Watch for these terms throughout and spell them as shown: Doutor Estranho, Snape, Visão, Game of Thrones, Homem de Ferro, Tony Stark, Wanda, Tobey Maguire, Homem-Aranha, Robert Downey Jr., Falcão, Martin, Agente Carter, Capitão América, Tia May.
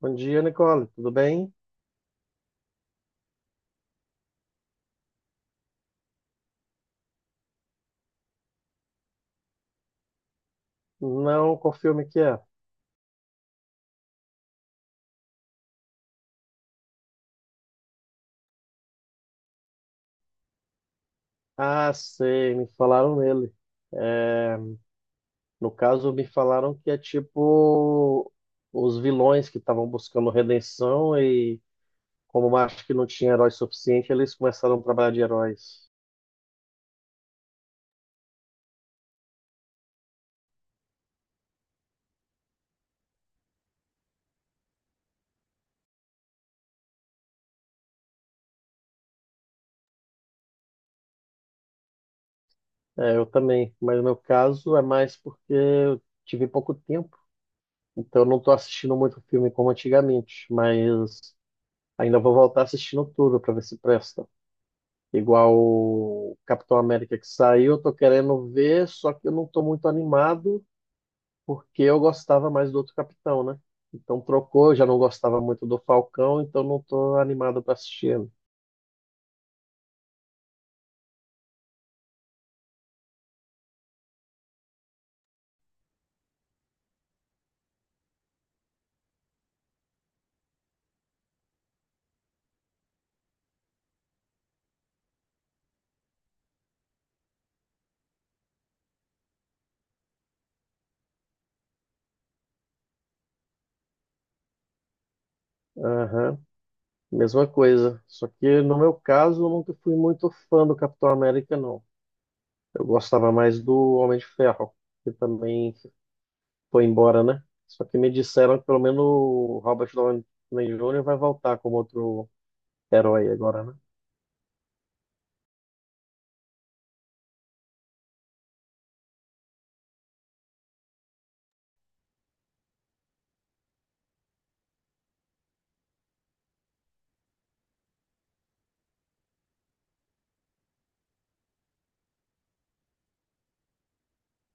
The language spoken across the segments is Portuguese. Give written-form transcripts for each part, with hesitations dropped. Bom dia, Nicole. Tudo bem? Não, qual filme que é? Ah, sei, me falaram nele. É. No caso, me falaram que é tipo os vilões que estavam buscando redenção e como acho que não tinha herói suficiente, eles começaram a trabalhar de heróis. É, eu também, mas no meu caso é mais porque eu tive pouco tempo, então eu não estou assistindo muito filme como antigamente, mas ainda vou voltar assistindo tudo para ver se presta. Igual o Capitão América que saiu, eu tô querendo ver, só que eu não tô muito animado, porque eu gostava mais do outro Capitão, né? Então trocou, eu já não gostava muito do Falcão, então não tô animado para assistir ele. Aham, mesma coisa. Só que no meu caso, eu nunca fui muito fã do Capitão América, não. Eu gostava mais do Homem de Ferro, que também foi embora, né? Só que me disseram que pelo menos o Robert Downey Jr. vai voltar como outro herói agora, né?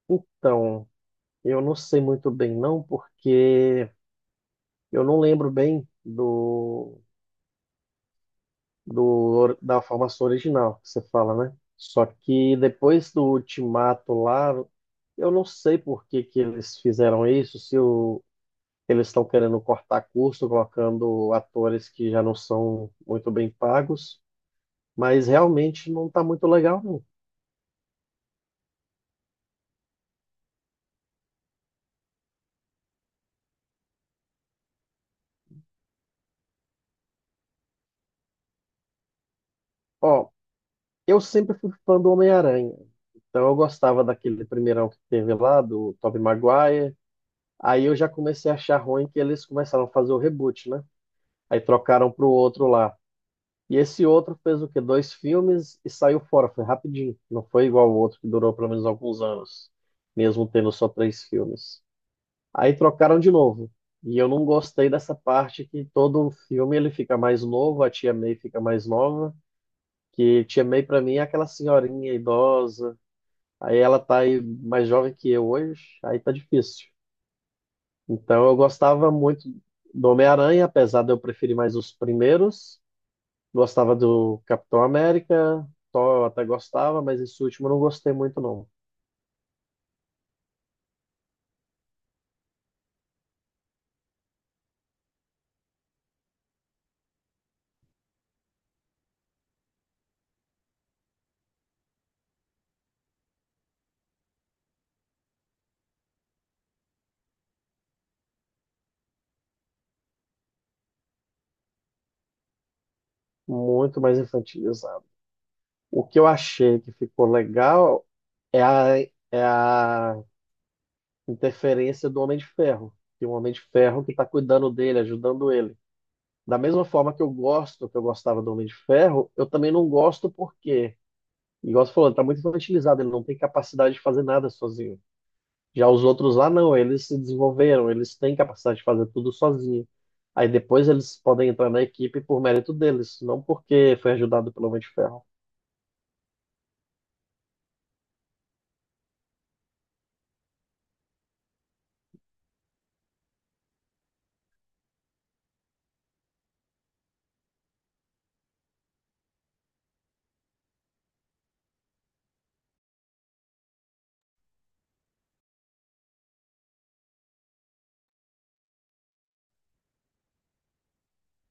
Então, eu não sei muito bem, não, porque eu não lembro bem do, do da formação original que você fala, né? Só que depois do ultimato lá, eu não sei por que que eles fizeram isso, se o, eles estão querendo cortar custo, colocando atores que já não são muito bem pagos, mas realmente não está muito legal, não. Ó, eu sempre fui fã do Homem-Aranha, então eu gostava daquele primeirão que teve lá, do Tobey Maguire. Aí eu já comecei a achar ruim que eles começaram a fazer o reboot, né? Aí trocaram para o outro lá. E esse outro fez o quê? Dois filmes e saiu fora. Foi rapidinho. Não foi igual o outro que durou pelo menos alguns anos, mesmo tendo só três filmes. Aí trocaram de novo. E eu não gostei dessa parte que todo filme ele fica mais novo, a Tia May fica mais nova. Que Tia May pra mim é aquela senhorinha idosa. Aí ela tá aí mais jovem que eu hoje. Aí tá difícil. Então eu gostava muito do Homem-Aranha, apesar de eu preferir mais os primeiros. Gostava do Capitão América, Thor eu até gostava, mas esse último eu não gostei muito não. Muito mais infantilizado. O que eu achei que ficou legal é a, é a interferência do Homem de Ferro. Tem um Homem de Ferro que está cuidando dele, ajudando ele. Da mesma forma que eu gosto, que eu gostava do Homem de Ferro, eu também não gosto porque, igual você falou, ele está muito infantilizado, ele não tem capacidade de fazer nada sozinho. Já os outros lá não, eles se desenvolveram, eles têm capacidade de fazer tudo sozinho. Aí depois eles podem entrar na equipe por mérito deles, não porque foi ajudado pelo Homem de Ferro.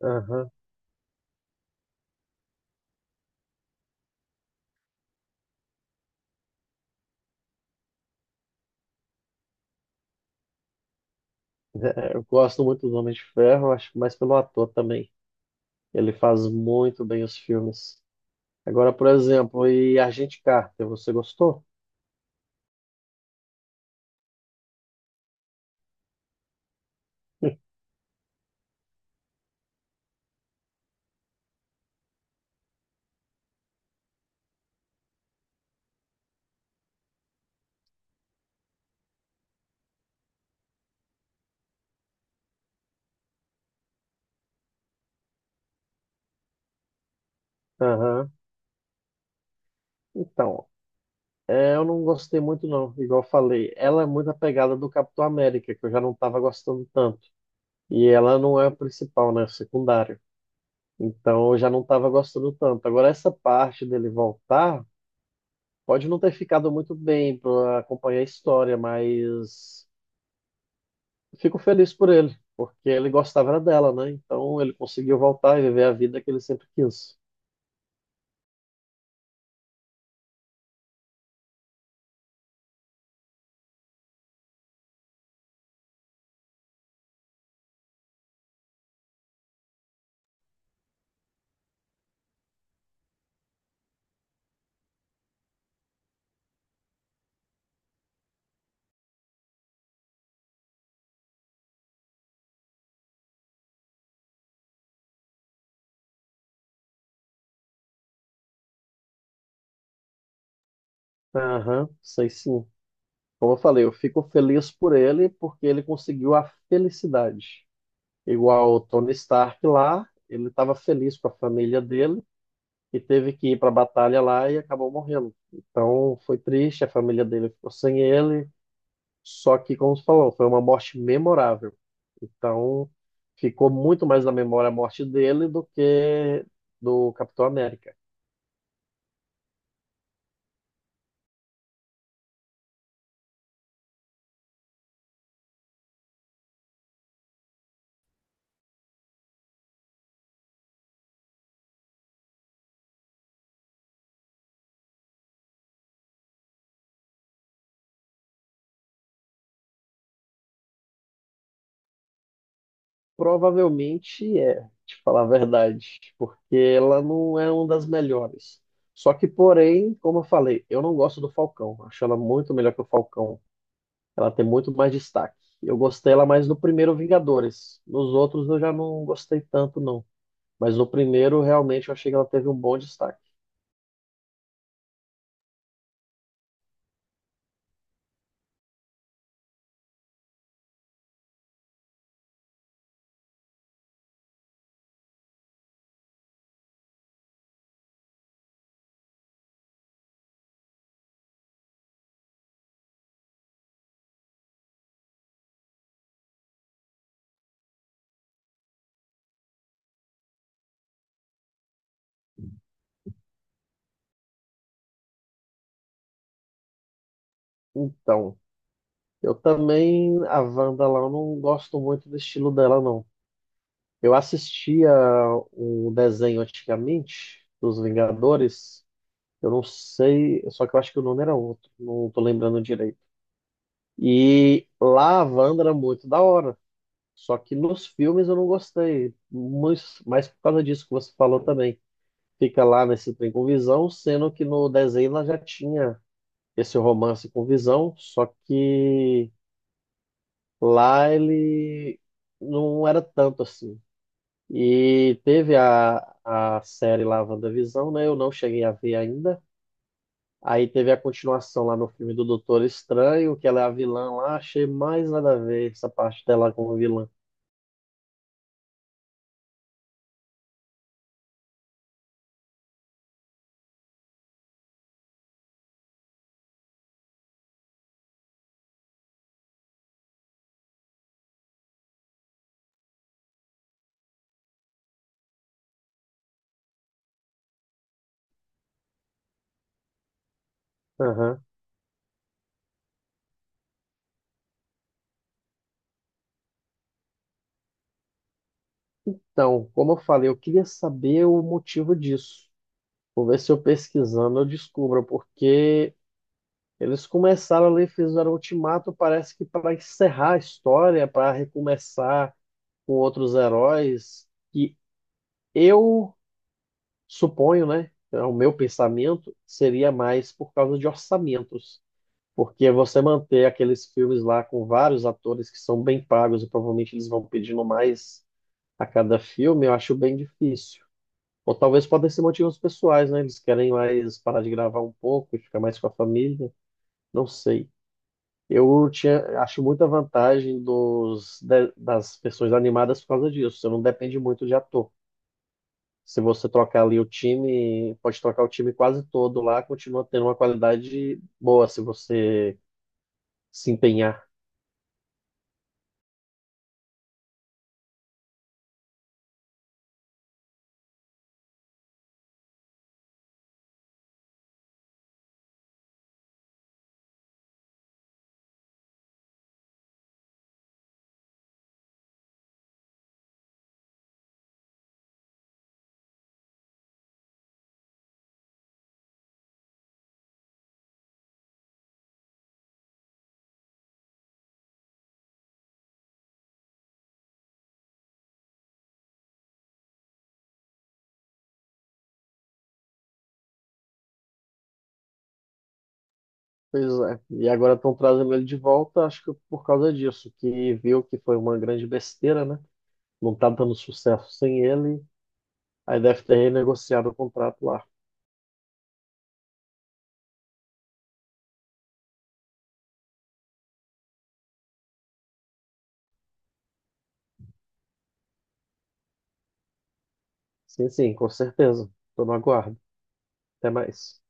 Aham. Eu gosto muito do Homem de Ferro, acho que mais pelo ator também. Ele faz muito bem os filmes. Agora, por exemplo, e Agente Carter, você gostou? Aham. Então, é, eu não gostei muito não, igual eu falei. Ela é muito apegada do Capitão América, que eu já não estava gostando tanto. E ela não é a principal, né? Secundária. Então eu já não estava gostando tanto. Agora, essa parte dele voltar pode não ter ficado muito bem para acompanhar a história, mas fico feliz por ele, porque ele gostava era dela, né? Então ele conseguiu voltar e viver a vida que ele sempre quis. Aham, sei sim. Como eu falei, eu fico feliz por ele porque ele conseguiu a felicidade. Igual o Tony Stark lá, ele estava feliz com a família dele e teve que ir para a batalha lá e acabou morrendo. Então foi triste, a família dele ficou sem ele, só que, como você falou, foi uma morte memorável. Então ficou muito mais na memória a morte dele do que do Capitão América. Provavelmente é, te falar a verdade, porque ela não é uma das melhores. Só que, porém, como eu falei, eu não gosto do Falcão. Acho ela muito melhor que o Falcão. Ela tem muito mais destaque. Eu gostei ela mais no primeiro Vingadores. Nos outros eu já não gostei tanto, não. Mas no primeiro, realmente, eu achei que ela teve um bom destaque. Então, eu também, a Wanda lá, eu não gosto muito do estilo dela, não. Eu assistia um desenho antigamente, dos Vingadores. Eu não sei, só que eu acho que o nome era outro. Não tô lembrando direito. E lá a Wanda era muito da hora. Só que nos filmes eu não gostei, mas por causa disso que você falou também. Fica lá nesse trem com Visão, sendo que no desenho ela já tinha esse romance com Visão, só que lá ele não era tanto assim. E teve a série lá, WandaVisão, né? Eu não cheguei a ver ainda. Aí teve a continuação lá no filme do Doutor Estranho, que ela é a vilã lá. Achei mais nada a ver essa parte dela como vilã. Aham. Então, como eu falei, eu queria saber o motivo disso. Vou ver se eu pesquisando eu descubro, porque eles começaram ali, fizeram o ultimato, parece que para encerrar a história, para recomeçar com outros heróis, que eu suponho, né? É o meu pensamento seria mais por causa de orçamentos. Porque você manter aqueles filmes lá com vários atores que são bem pagos e provavelmente eles vão pedindo mais a cada filme, eu acho bem difícil. Ou talvez podem ser motivos pessoais, né? Eles querem mais parar de gravar um pouco e ficar mais com a família. Não sei. Eu tinha, acho muita vantagem das versões animadas por causa disso. Você não depende muito de ator. Se você trocar ali o time, pode trocar o time quase todo lá, continua tendo uma qualidade boa se você se empenhar. Pois é. E agora estão trazendo ele de volta, acho que por causa disso, que viu que foi uma grande besteira, né? Não tá dando sucesso sem ele. Aí deve ter renegociado o contrato lá. Sim, sim, com certeza. Estou no aguardo. Até mais.